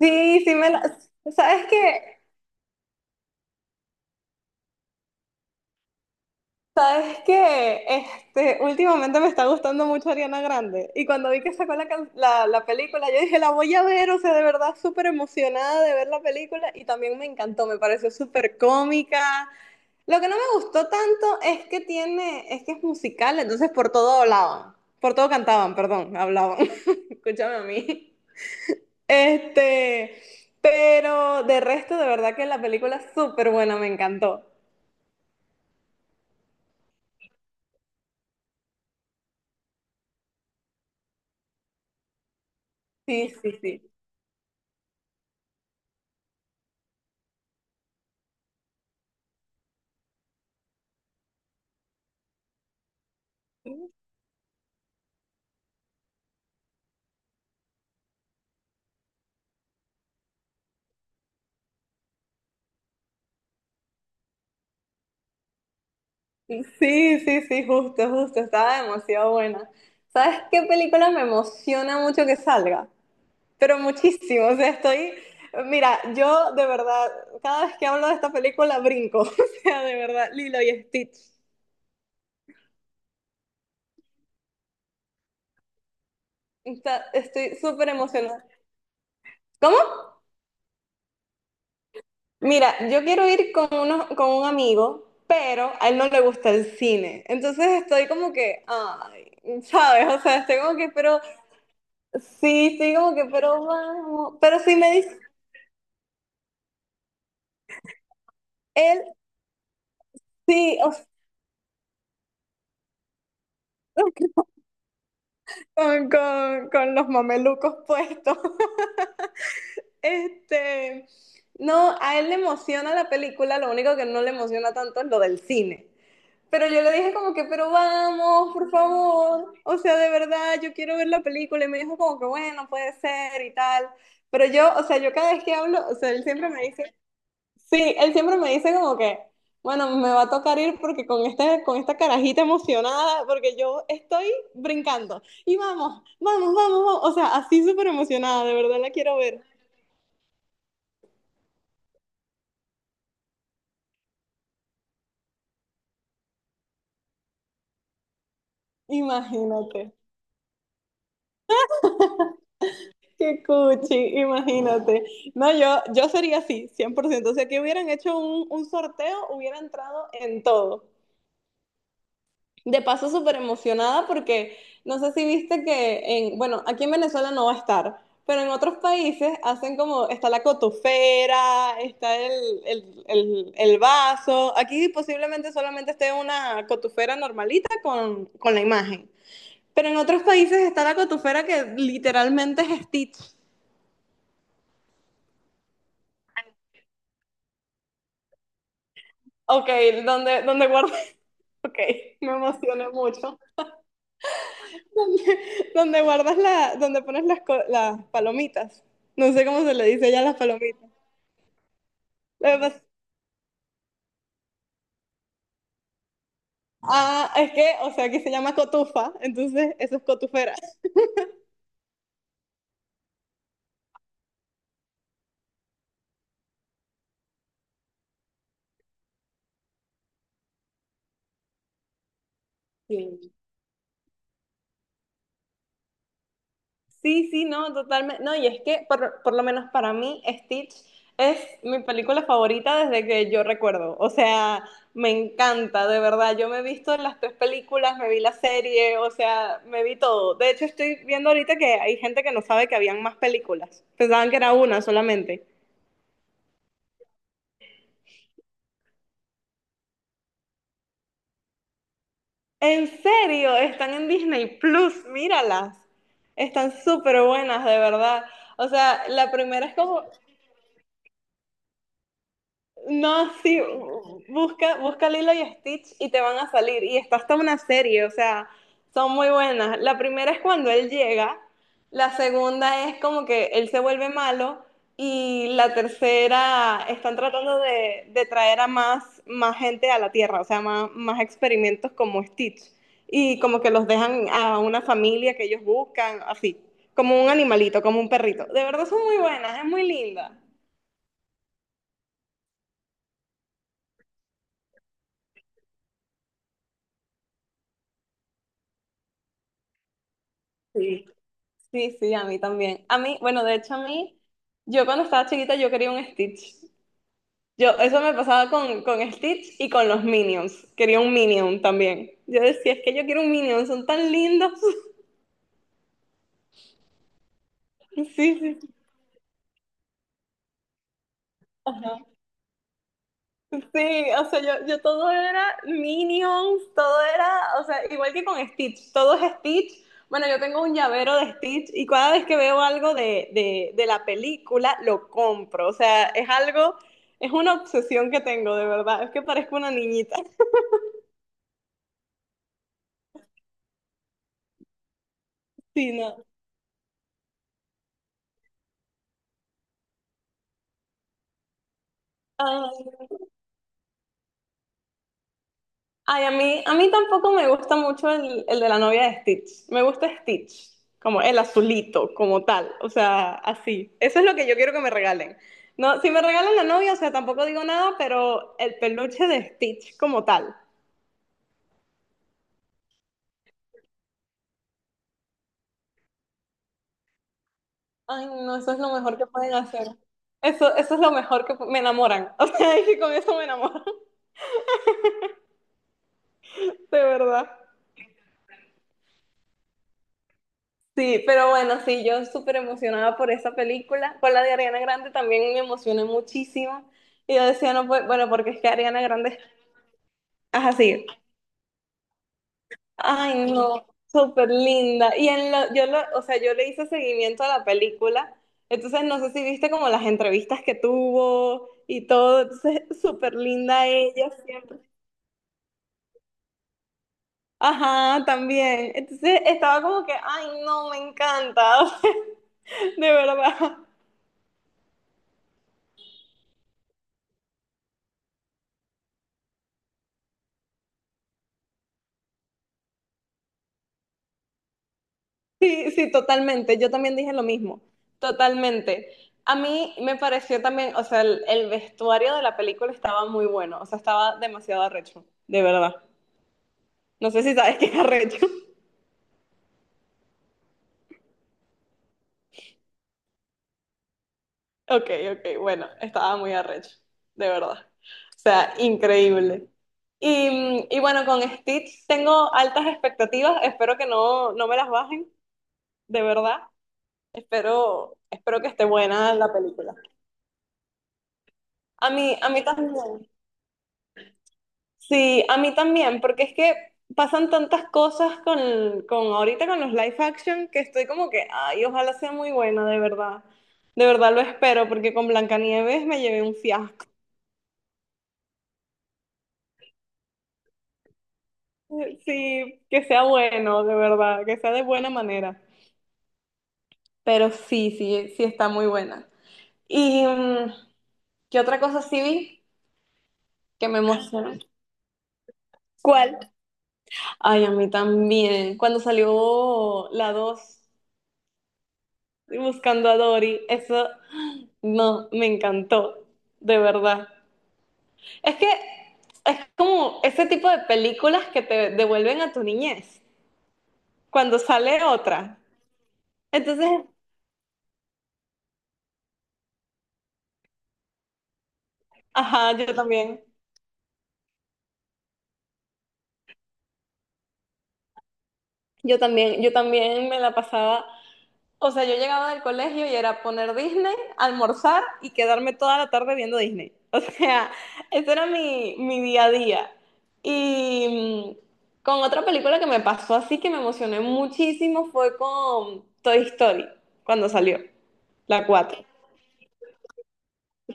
Sí, sí me la... ¿Sabes qué? ¿Sabes qué? Últimamente me está gustando mucho Ariana Grande. Y cuando vi que sacó la película, yo dije, la voy a ver, o sea, de verdad súper emocionada de ver la película. Y también me encantó, me pareció súper cómica. Lo que no me gustó tanto es que tiene, es que es musical, entonces por todo hablaban, por todo cantaban, perdón, hablaban. Escúchame a mí. Este, pero de resto, de verdad que la película es súper buena, me encantó. Sí, sí, sí. Sí, sí, sí, justo, justo. Estaba demasiado buena. ¿Sabes qué película me emociona mucho que salga? Pero muchísimo. O sea, estoy. Mira, yo de verdad, cada vez que hablo de esta película brinco. O sea, de verdad, Lilo y Stitch. Estoy súper emocionada. ¿Cómo? Mira, yo quiero ir con, uno, con un amigo, pero a él no le gusta el cine. Entonces estoy como que, ay, ¿sabes? O sea, estoy como que, pero. Sí, sí, como que, pero vamos. Pero si me dice él, sí, o sea, con los mamelucos puestos. Este, no, a él le emociona la película, lo único que no le emociona tanto es lo del cine. Pero yo le dije como que, pero vamos, por favor. O sea, de verdad, yo quiero ver la película. Y me dijo como que, bueno, puede ser y tal. Pero yo, o sea, yo cada vez que hablo, o sea, él siempre me dice, sí, él siempre me dice como que, bueno, me va a tocar ir porque con este, con esta carajita emocionada, porque yo estoy brincando. Y vamos, vamos, vamos, vamos. O sea, así súper emocionada, de verdad la quiero ver. Imagínate. Qué cuchi, imagínate. No, yo sería así, 100%. O sea, que hubieran hecho un sorteo, hubiera entrado en todo. De paso, súper emocionada porque no sé si viste que en, bueno, aquí en Venezuela no va a estar, pero en otros países hacen como, está la cotufera, está el vaso. Aquí posiblemente solamente esté una cotufera normalita con la imagen. Pero en otros países está la cotufera que literalmente es Stitch. Ok, donde, donde guardo. Ok, me emocioné mucho. Donde guardas la, donde pones las palomitas. No sé cómo se le dice ya a las palomitas. Lo que pasa- ah, es que, o sea, aquí se llama cotufa, entonces eso es cotufera. Sí, sí, sí, no, totalmente. No, y es que por lo menos para mí Stitch es mi película favorita desde que yo recuerdo. O sea, me encanta, de verdad. Yo me he visto las tres películas, me vi la serie, o sea, me vi todo. De hecho, estoy viendo ahorita que hay gente que no sabe que habían más películas. Pensaban que era una solamente. En serio, están en Disney Plus, míralas. Están súper buenas, de verdad. O sea, la primera es como no, sí, busca Lilo y Stitch y te van a salir. Y está hasta una serie, o sea, son muy buenas. La primera es cuando él llega, la segunda es como que él se vuelve malo y la tercera están tratando de traer a más gente a la Tierra, o sea, más experimentos como Stitch. Y como que los dejan a una familia que ellos buscan, así, como un animalito, como un perrito. De verdad son muy buenas, es muy linda. Sí, sí, a mí también. A mí, bueno, de hecho a mí, yo cuando estaba chiquita yo quería un Stitch. Yo, eso me pasaba con Stitch y con los Minions. Quería un Minion también. Yo decía, es que yo quiero un Minion, son tan lindos. Sí, sí, sí. Ajá. Sí, o sea, yo todo era Minions, todo era, o sea, igual que con Stitch, todo es Stitch. Bueno, yo tengo un llavero de Stitch y cada vez que veo algo de la película, lo compro. O sea, es algo, es una obsesión que tengo, de verdad. Es que parezco una niñita. Sí, no. Ay, a mí tampoco me gusta mucho el de la novia de Stitch. Me gusta Stitch, como el azulito, como tal. O sea, así. Eso es lo que yo quiero que me regalen. No, si me regalan la novia, o sea, tampoco digo nada, pero el peluche de Stitch como tal. Ay, no, eso es lo mejor que pueden hacer. Eso es lo mejor que me enamoran. O sea, es que con eso me enamoran, de verdad. Sí, pero bueno, sí, yo súper emocionada por esa película. Con la de Ariana Grande también me emocioné muchísimo. Y yo decía, no, pues, bueno, porque es que Ariana Grande es así. Ay, no, súper linda. Y en lo, yo lo, o sea, yo le hice seguimiento a la película. Entonces, no sé si viste como las entrevistas que tuvo y todo. Entonces, súper linda ella siempre. Ajá, también. Entonces, estaba como que, ay, no, me encanta, de verdad. Sí, sí, totalmente. Yo también dije lo mismo, totalmente. A mí me pareció también, o sea, el vestuario de la película estaba muy bueno, o sea, estaba demasiado arrecho, de verdad. No sé si sabes qué es arrecho. Ok, ok, bueno, estaba muy arrecho, de verdad. O sea, increíble. Y, y bueno, con Stitch tengo altas expectativas, espero que no, no me las bajen, de verdad. Espero, espero que esté buena la película. A mí también. Sí, a mí también, porque es que pasan tantas cosas con ahorita con los live action que estoy como que, ay, ojalá sea muy buena, de verdad. De verdad lo espero, porque con Blancanieves me llevé un fiasco. Sí, que sea bueno, de verdad, que sea de buena manera. Pero sí, sí, sí está muy buena. ¿Y qué otra cosa sí vi que me emocionó? ¿Cuál? Ay, a mí también. Cuando salió la 2 buscando a Dory, eso. No, me encantó, de verdad. Es que es como ese tipo de películas que te devuelven a tu niñez cuando sale otra. Entonces, ajá, yo también me la pasaba. O sea, yo llegaba del colegio y era poner Disney, almorzar y quedarme toda la tarde viendo Disney. O sea, ese era mi, mi día a día. Y con otra película que me pasó así que me emocioné muchísimo fue con Toy Story, cuando salió, la 4.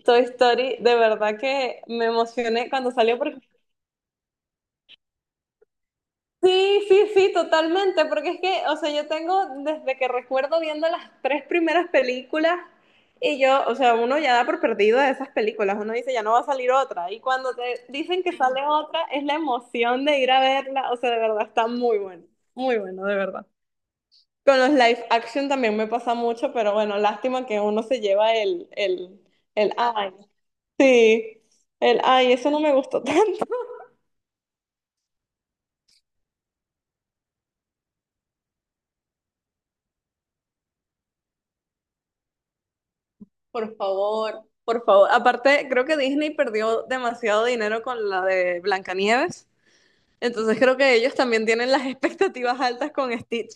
Toy Story, de verdad que me emocioné cuando salió porque sí, sí, sí, totalmente, porque es que, o sea, yo tengo desde que recuerdo viendo las tres primeras películas y yo, o sea, uno ya da por perdido de esas películas, uno dice ya no va a salir otra y cuando te dicen que sale otra es la emoción de ir a verla, o sea, de verdad está muy bueno, muy bueno, de verdad. Con los live action también me pasa mucho, pero bueno, lástima que uno se lleva ay, sí, el, ay, eso no me gustó tanto. Por favor, por favor. Aparte, creo que Disney perdió demasiado dinero con la de Blancanieves. Entonces creo que ellos también tienen las expectativas altas con Stitch.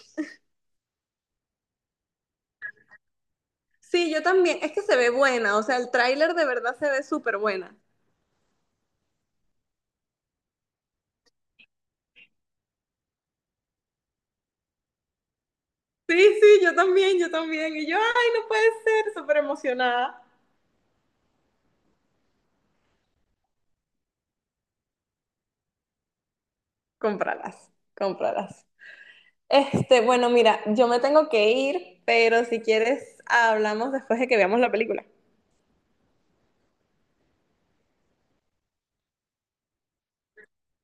Sí, yo también. Es que se ve buena. O sea, el tráiler de verdad se ve súper buena. Sí, sí, yo también, yo también. Y yo, ay, no puede ser, súper emocionada. Cómpralas, cómpralas. Bueno, mira, yo me tengo que ir, pero si quieres, hablamos después de que veamos la película.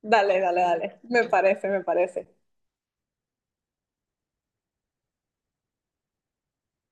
Dale, dale, dale. Me parece, me parece.